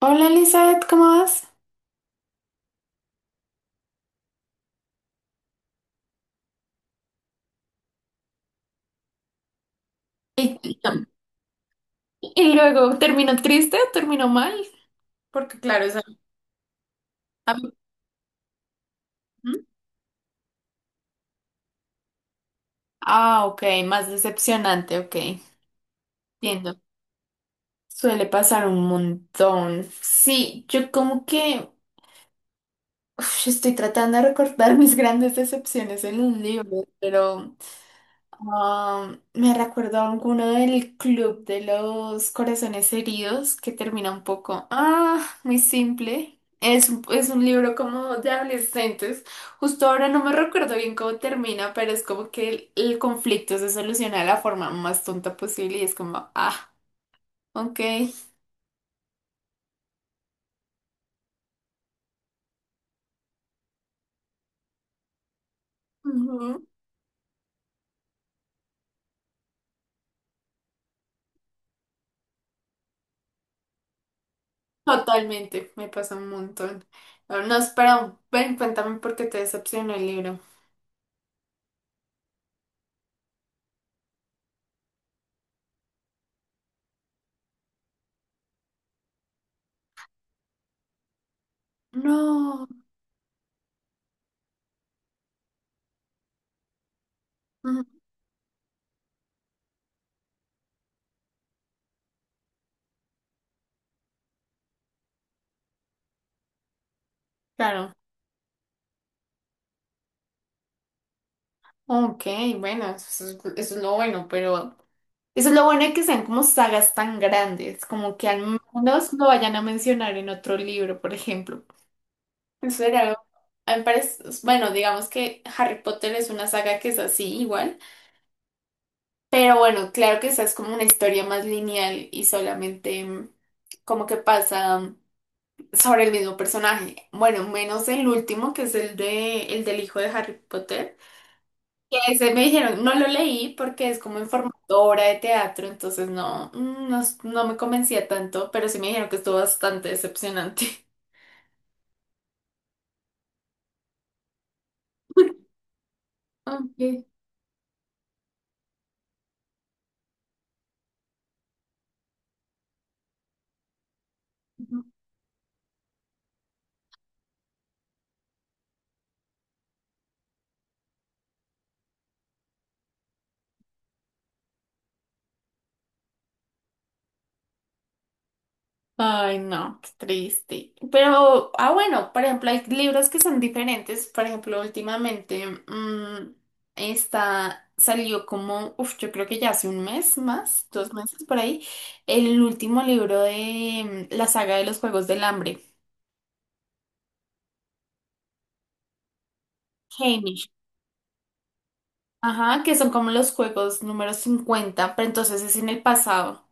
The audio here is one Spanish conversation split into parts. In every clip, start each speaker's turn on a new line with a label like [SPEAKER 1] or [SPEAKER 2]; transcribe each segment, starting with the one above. [SPEAKER 1] Hola Elizabeth, ¿cómo vas? Y, Y y luego, ¿terminó triste o terminó mal? Porque claro, a mí- ¿Mm? Ah, ok, más decepcionante, ok, entiendo. Suele pasar un montón. Sí, yo como que uf, estoy tratando de recordar mis grandes decepciones en un libro, pero... Ah, me recuerdo a alguno del club de los corazones heridos que termina un poco, ah, muy simple. Es, es un libro como de adolescentes. Justo ahora no me recuerdo bien cómo termina, pero es como que el conflicto se soluciona de la forma más tonta posible y es como, ah, ok. Ujú. Totalmente, me pasa un montón. No, no, espera, ven, cuéntame por qué te decepcionó el libro. No. Ujú. Claro. Ok, bueno, eso es lo bueno, pero eso es lo bueno de que sean como sagas tan grandes, como que al menos lo vayan a mencionar en otro libro, por ejemplo. Eso era algo, a mí me parece, bueno, digamos que Harry Potter es una saga que es así igual, pero bueno, claro que esa es como una historia más lineal y solamente mm, como que pasa mm, sobre el mismo personaje. Bueno, menos el último, que es el de, el del hijo de Harry Potter. Ese me dijeron, no lo leí porque es como en formato obra de teatro, entonces no, mm, no, no me convencía tanto, pero sí me dijeron que estuvo bastante decepcionante. Ok. Ay, no, qué triste. Pero, ah, bueno, por ejemplo, hay libros que son diferentes. Por ejemplo, últimamente mm, está, salió como, uf, yo creo que ya hace un mes más, 2 meses por ahí, el último libro de mm, la saga de los Juegos del Hambre. Ajá, que son como los juegos número 50 pero entonces es en el pasado.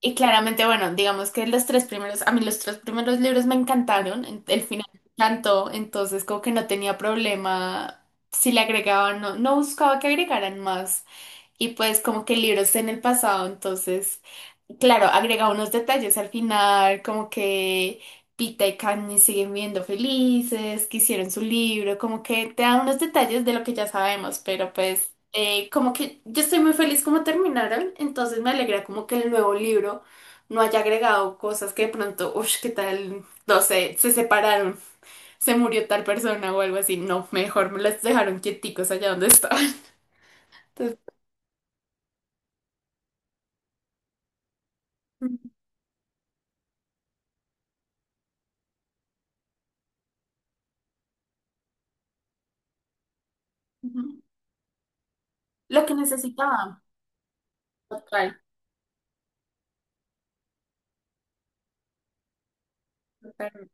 [SPEAKER 1] Y claramente, bueno, digamos que los tres primeros, a mí los tres primeros libros me encantaron, el final me encantó, entonces como que no tenía problema si le agregaban, no, no buscaba que agregaran más y pues como que el libro está en el pasado, entonces, claro, agrega unos detalles al final, como que Pita y Canny siguen viendo felices, que hicieron su libro, como que te da unos detalles de lo que ya sabemos, pero pues como que yo estoy muy feliz como terminaron, entonces me alegra como que el nuevo libro no haya agregado cosas que de pronto, uff, qué tal, no sé, se separaron, se murió tal persona o algo así, no, mejor me las dejaron quieticos allá donde estaban. Entonces, lo que necesitaba. Total. Total.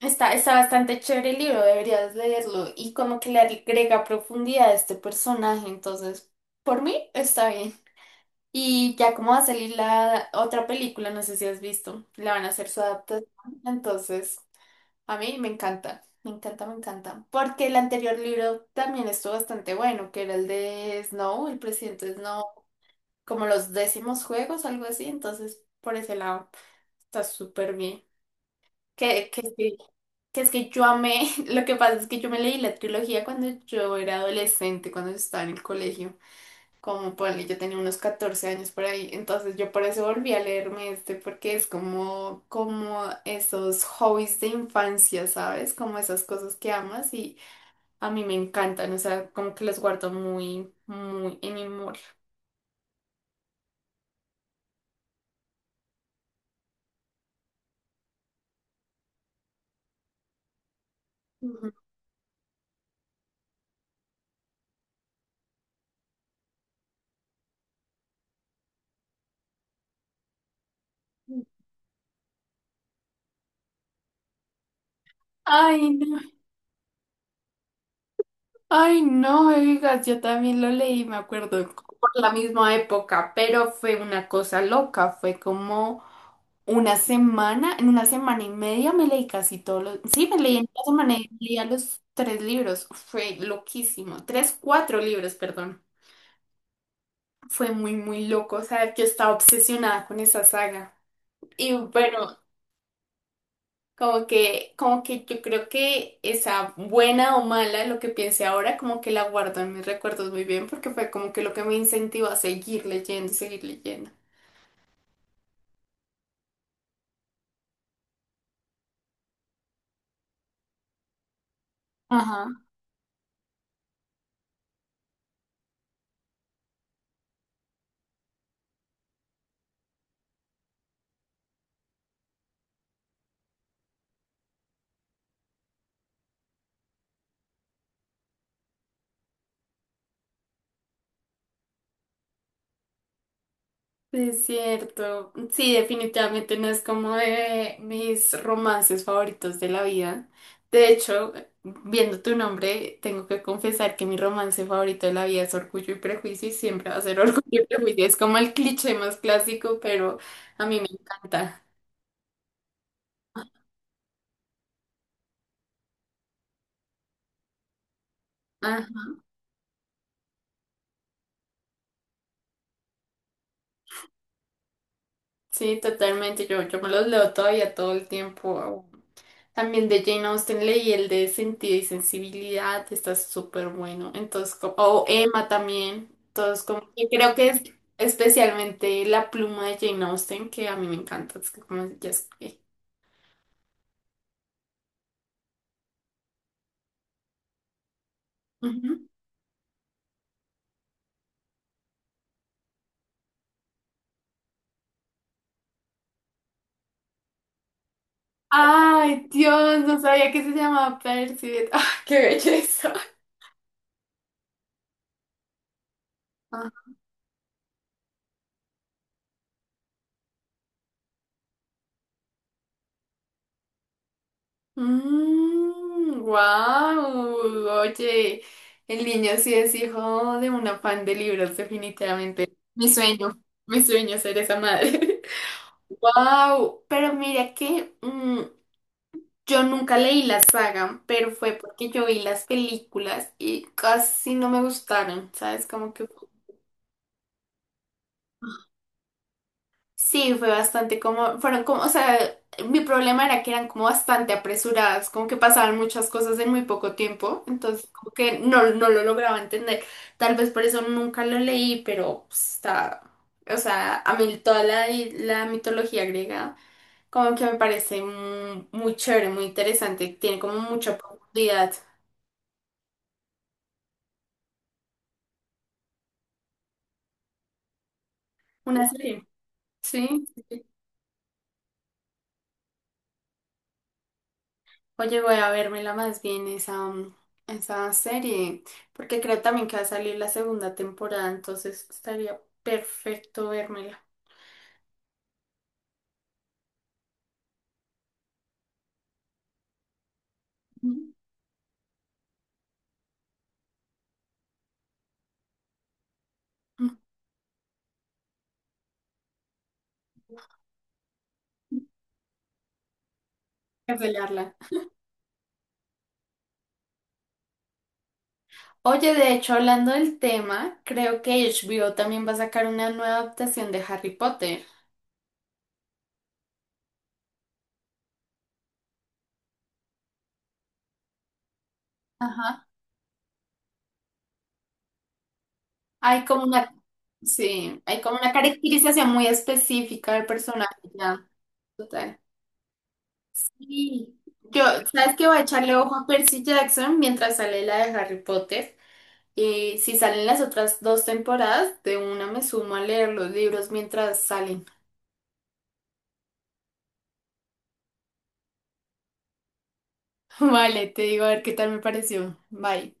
[SPEAKER 1] Está, está bastante chévere el libro, deberías leerlo. Y como que le agrega profundidad a este personaje, entonces, por mí está bien. Y ya como va a salir la otra película, no sé si has visto, la van a hacer su adaptación. Entonces, a mí me encanta, me encanta, me encanta. Porque el anterior libro también estuvo bastante bueno, que era el de Snow, el presidente Snow, como los décimos juegos, algo así. Entonces, por ese lado, está súper bien. Sí, que es que yo amé, lo que pasa es que yo me leí la trilogía cuando yo era adolescente, cuando estaba en el colegio, como ponle, yo tenía unos 14 años por ahí, entonces yo por eso volví a leerme este, porque es como, como esos hobbies de infancia, ¿sabes? Como esas cosas que amas y a mí me encantan, o sea, como que los guardo muy, muy en mi memoria. Ujú. Ay, no. Ay, no me digas, yo también lo leí, me acuerdo, como por la misma época, pero fue una cosa loca, fue como una semana, en una semana y media me leí casi todos los, sí, me leí en una semana y media los tres libros, fue loquísimo, tres, cuatro libros, perdón, fue muy, muy loco, o sea, yo estaba obsesionada con esa saga. Y bueno, como que, como que yo creo que esa buena o mala, lo que piense ahora, como que la guardo en mis recuerdos muy bien, porque fue como que lo que me incentivó a seguir leyendo y seguir leyendo. Ajá. Sí, es cierto. Sí, definitivamente no es como de mis romances favoritos de la vida. De hecho, viendo tu nombre, tengo que confesar que mi romance favorito de la vida es Orgullo y Prejuicio y siempre va a ser Orgullo y Prejuicio. Es como el cliché más clásico, pero a mí me encanta. Sí, totalmente. Yo me los leo todavía todo el tiempo. También de Jane Austen leí el de Sentido y Sensibilidad, está súper bueno. Entonces, como, o Emma también. Entonces, como que creo que es especialmente la pluma de Jane Austen que a mí me encanta. Es que como ya ujú. Ay, Dios, no sabía que se llamaba Percy. ¡Ah, qué belleza! Mm, wow. Oye, el niño sí es hijo de un afán de libros, definitivamente. Mi sueño es ser esa madre. Wow, pero mira que mm, yo nunca leí la saga, pero fue porque yo vi las películas y casi no me gustaron, ¿sabes? Como que sí, fue bastante como, fueron como, o sea, mi problema era que eran como bastante apresuradas, como que pasaban muchas cosas en muy poco tiempo, entonces como que no, no lo lograba entender. Tal vez por eso nunca lo leí, pero pues, está, o sea, a mí toda la mitología griega como que me parece mm, muy, chévere, muy interesante, tiene como mucha profundidad. Una serie, sí. Oye, voy a vérmela más bien esa, mm, esa serie, porque creo también que va a salir la segunda temporada, entonces estaría perfecto vérmela, ujú. Mm, cancelarla. Oye, de hecho, hablando del tema, creo que HBO también va a sacar una nueva adaptación de Harry Potter. Ajá. Hay como una, sí, hay como una caracterización muy específica del personaje, ya, total. Sí. Yo, ¿sabes qué? Voy a echarle ojo a Percy Jackson mientras sale la de Harry Potter. Y si salen las otras dos temporadas, de una me sumo a leer los libros mientras salen. Vale, te digo a ver qué tal me pareció. Bye.